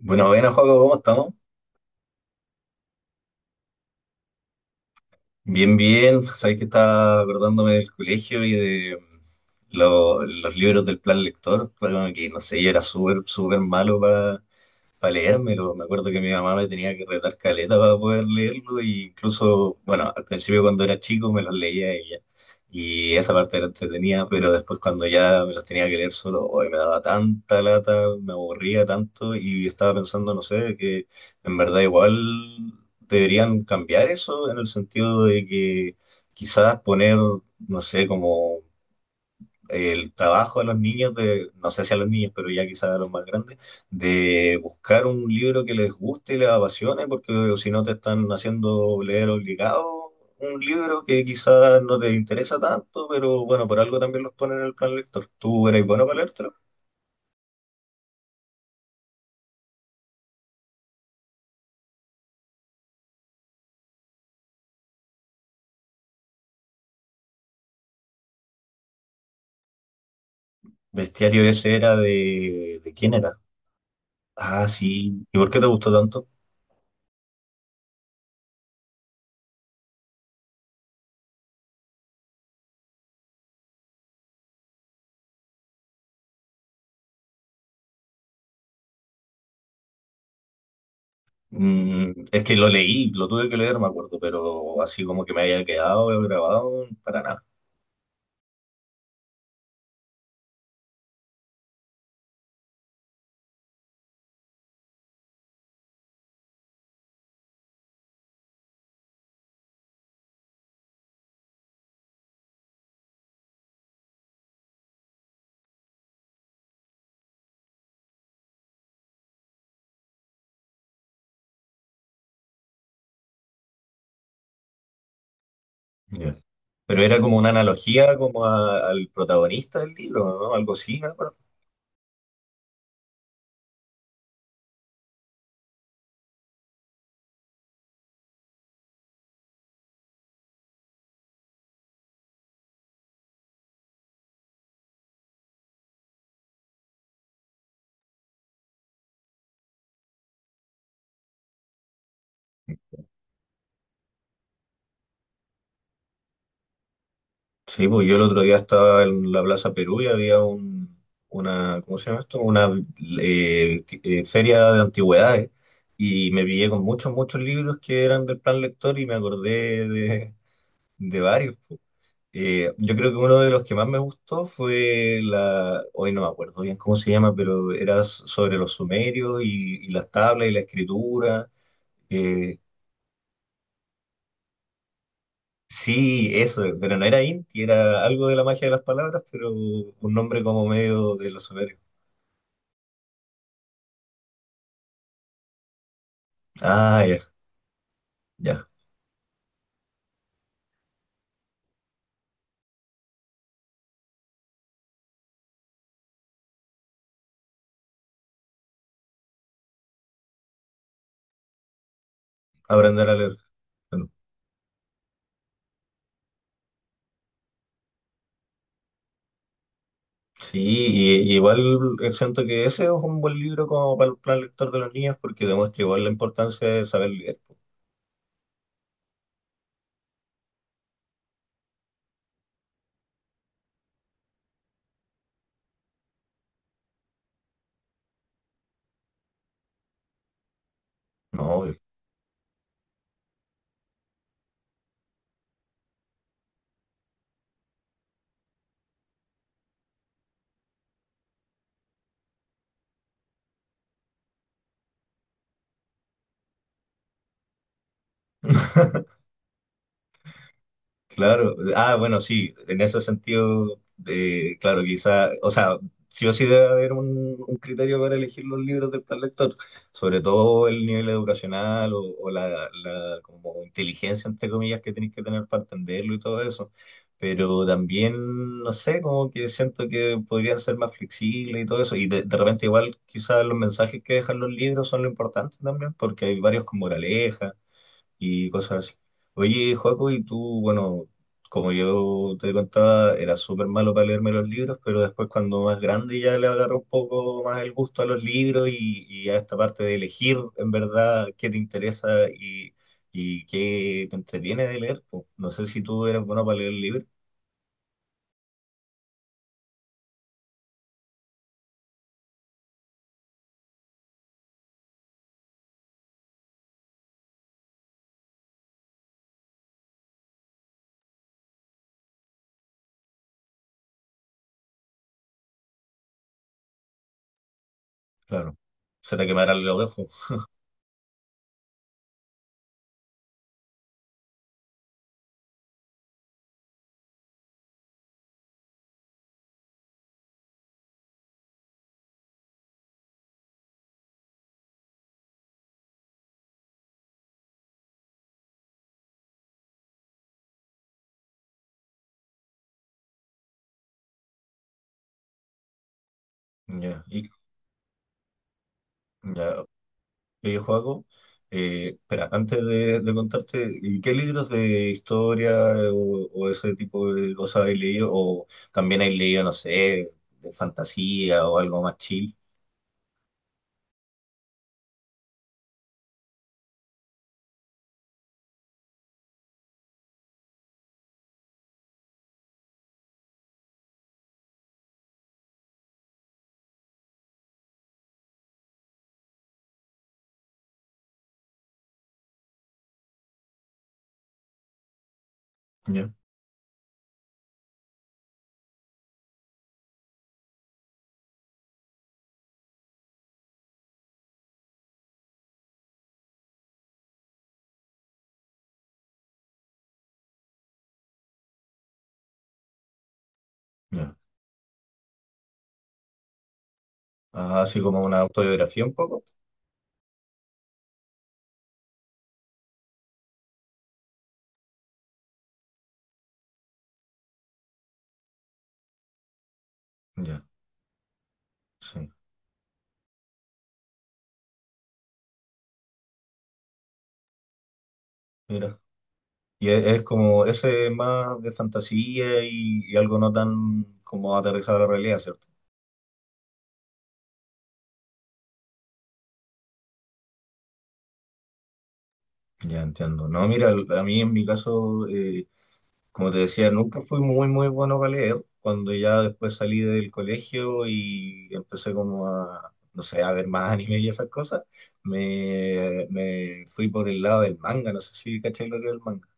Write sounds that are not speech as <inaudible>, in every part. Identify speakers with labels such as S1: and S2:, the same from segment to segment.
S1: Bueno, buenas, Joaco, ¿cómo estamos? Bien, bien. Sabéis que estaba acordándome del colegio y de los libros del plan lector. Claro que no sé, yo era súper malo para leérmelo. Me acuerdo que mi mamá me tenía que retar caleta para poder leerlo, y incluso, bueno, al principio cuando era chico me los leía ella. Y esa parte era entretenida, pero después cuando ya me los tenía que leer solo, hoy me daba tanta lata, me aburría tanto y estaba pensando, no sé, que en verdad igual deberían cambiar eso en el sentido de que quizás poner, no sé, como el trabajo de los niños, de, no sé si a los niños, pero ya quizás a los más grandes, de buscar un libro que les guste y les apasione, porque si no te están haciendo leer obligado un libro que quizás no te interesa tanto, pero bueno, por algo también los ponen en el plan lector. ¿Tú eres bueno para leértelo? Bestiario ese era de... ¿De quién era? Ah, sí. ¿Y por qué te gustó tanto? Es que lo leí, lo tuve que leer, me acuerdo, pero así como que me haya quedado grabado, para nada. Ya. Pero era como una analogía como al protagonista del libro, ¿no? Algo así, me acuerdo. Sí, pues yo el otro día estaba en la Plaza Perú y había una, ¿cómo se llama esto? Una feria de antigüedades y me pillé con muchos libros que eran del plan lector y me acordé de varios. Pues. Yo creo que uno de los que más me gustó fue la, hoy no me acuerdo bien cómo se llama, pero era sobre los sumerios y las tablas y la escritura. Eh, Sí, eso, pero no era Inti, era algo de la magia de las palabras, pero un nombre como medio de los sumerios. Ah, ya, ya, aprender a leer. Bueno, sí, y igual siento que ese es un buen libro como para el plan lector de los niños porque demuestra igual la importancia de saber leer. No, obvio. <laughs> Claro, ah, bueno, sí, en ese sentido, claro, quizá, o sea, sí o sí debe haber un criterio para elegir los libros del plan lector, sobre todo el nivel educacional o la como inteligencia, entre comillas, que tenéis que tener para entenderlo y todo eso, pero también, no sé, como que siento que podrían ser más flexibles y todo eso, y de repente igual quizás los mensajes que dejan los libros son lo importante también, porque hay varios con moraleja y cosas así. Oye, Joaco, y tú, bueno, como yo te contaba, era súper malo para leerme los libros, pero después cuando más grande ya le agarró un poco más el gusto a los libros y a esta parte de elegir en verdad qué te interesa y qué te entretiene de leer. Po. No sé si tú eras bueno para leer libros. Claro. Se te quemarán los ojos. Ya. Y, ya. Videojuego. Espera, antes de contarte, ¿qué libros de historia o ese tipo de cosas has leído? ¿O también has leído, no sé, de fantasía o algo más chill? Ya, ya. Ah, así como una autobiografía un poco. Ya, sí. Mira. Y es como ese más de fantasía y algo no tan como aterrizado a la realidad, ¿cierto? Ya entiendo. No, mira, a mí en mi caso... Como te decía, nunca fui muy bueno para leer. Cuando ya después salí del colegio y empecé como a, no sé, a ver más <laughs> anime y esas cosas, me fui por el lado del manga. No sé si caché lo que es el manga.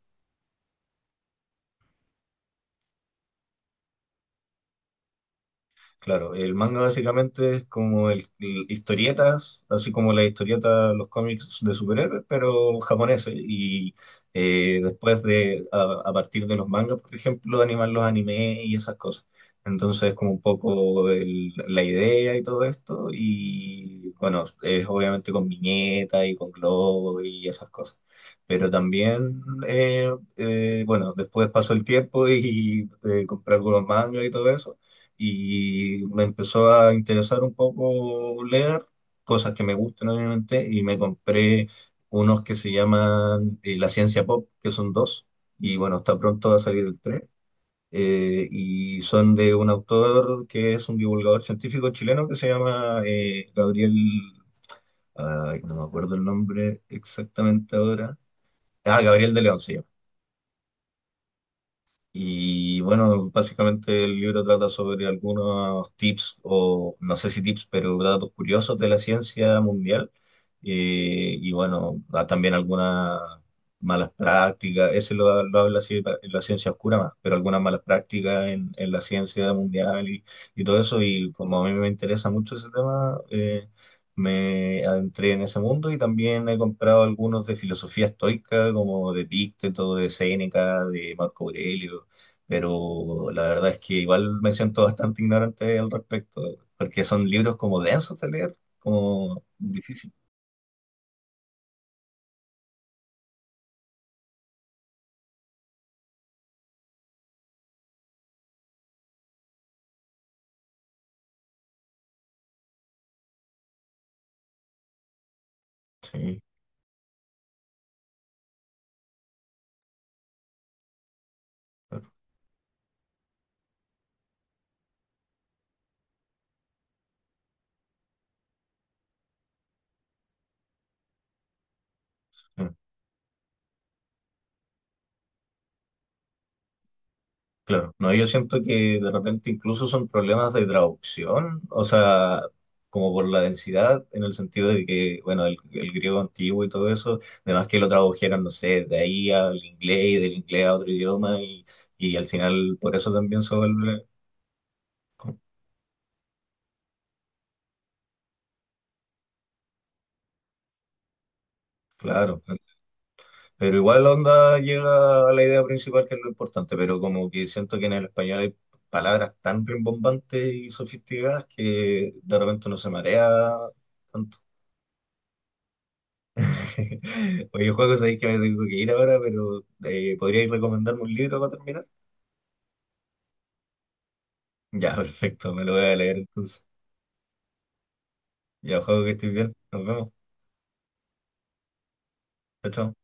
S1: Claro, el manga básicamente es como el, historietas, así como las historietas, los cómics de superhéroes, pero japoneses. Y después de, a partir de los mangas, por ejemplo, animar los animes y esas cosas. Entonces es como un poco la idea y todo esto. Y bueno, es obviamente con viñetas y con globos y esas cosas. Pero también, bueno, después pasó el tiempo y, compré algunos mangas y todo eso y me empezó a interesar un poco leer cosas que me gustan obviamente y me compré unos que se llaman La Ciencia Pop, que son dos, y bueno, está pronto a salir el tres, y son de un autor que es un divulgador científico chileno que se llama Gabriel, ay, no me acuerdo el nombre exactamente ahora, ah, Gabriel de León se llama. Y bueno, básicamente el libro trata sobre algunos tips, o no sé si tips, pero datos curiosos de la ciencia mundial. Y bueno, da también algunas malas prácticas, ese lo habla así en la ciencia oscura más, pero algunas malas prácticas en la ciencia mundial y todo eso. Y como a mí me interesa mucho ese tema, me adentré en ese mundo y también he comprado algunos de filosofía estoica, como de Epicteto, de Séneca, de Marco Aurelio pero la verdad es que igual me siento <laughs> bastante ignorante al respecto, porque son libros como densos de leer, como difícil. Sí, claro. Sí, claro. No, yo siento que de repente incluso son problemas de traducción, o sea, como por la densidad, en el sentido de que, bueno, el griego antiguo y todo eso, además que lo tradujeron, no sé, de ahí al inglés y del inglés a otro idioma y al final por eso también se vuelve, claro, pero igual onda llega a la idea principal que es lo importante, pero como que siento que en el español hay palabras tan rimbombantes y sofisticadas que de repente uno se marea tanto. <laughs> Oye, juego, sabéis que me tengo que ir ahora, pero ¿podríais recomendarme un libro para terminar? Ya, <laughs> perfecto, me lo voy a leer entonces. Ya, juego, que estés bien. Nos vemos. Chao. Chao.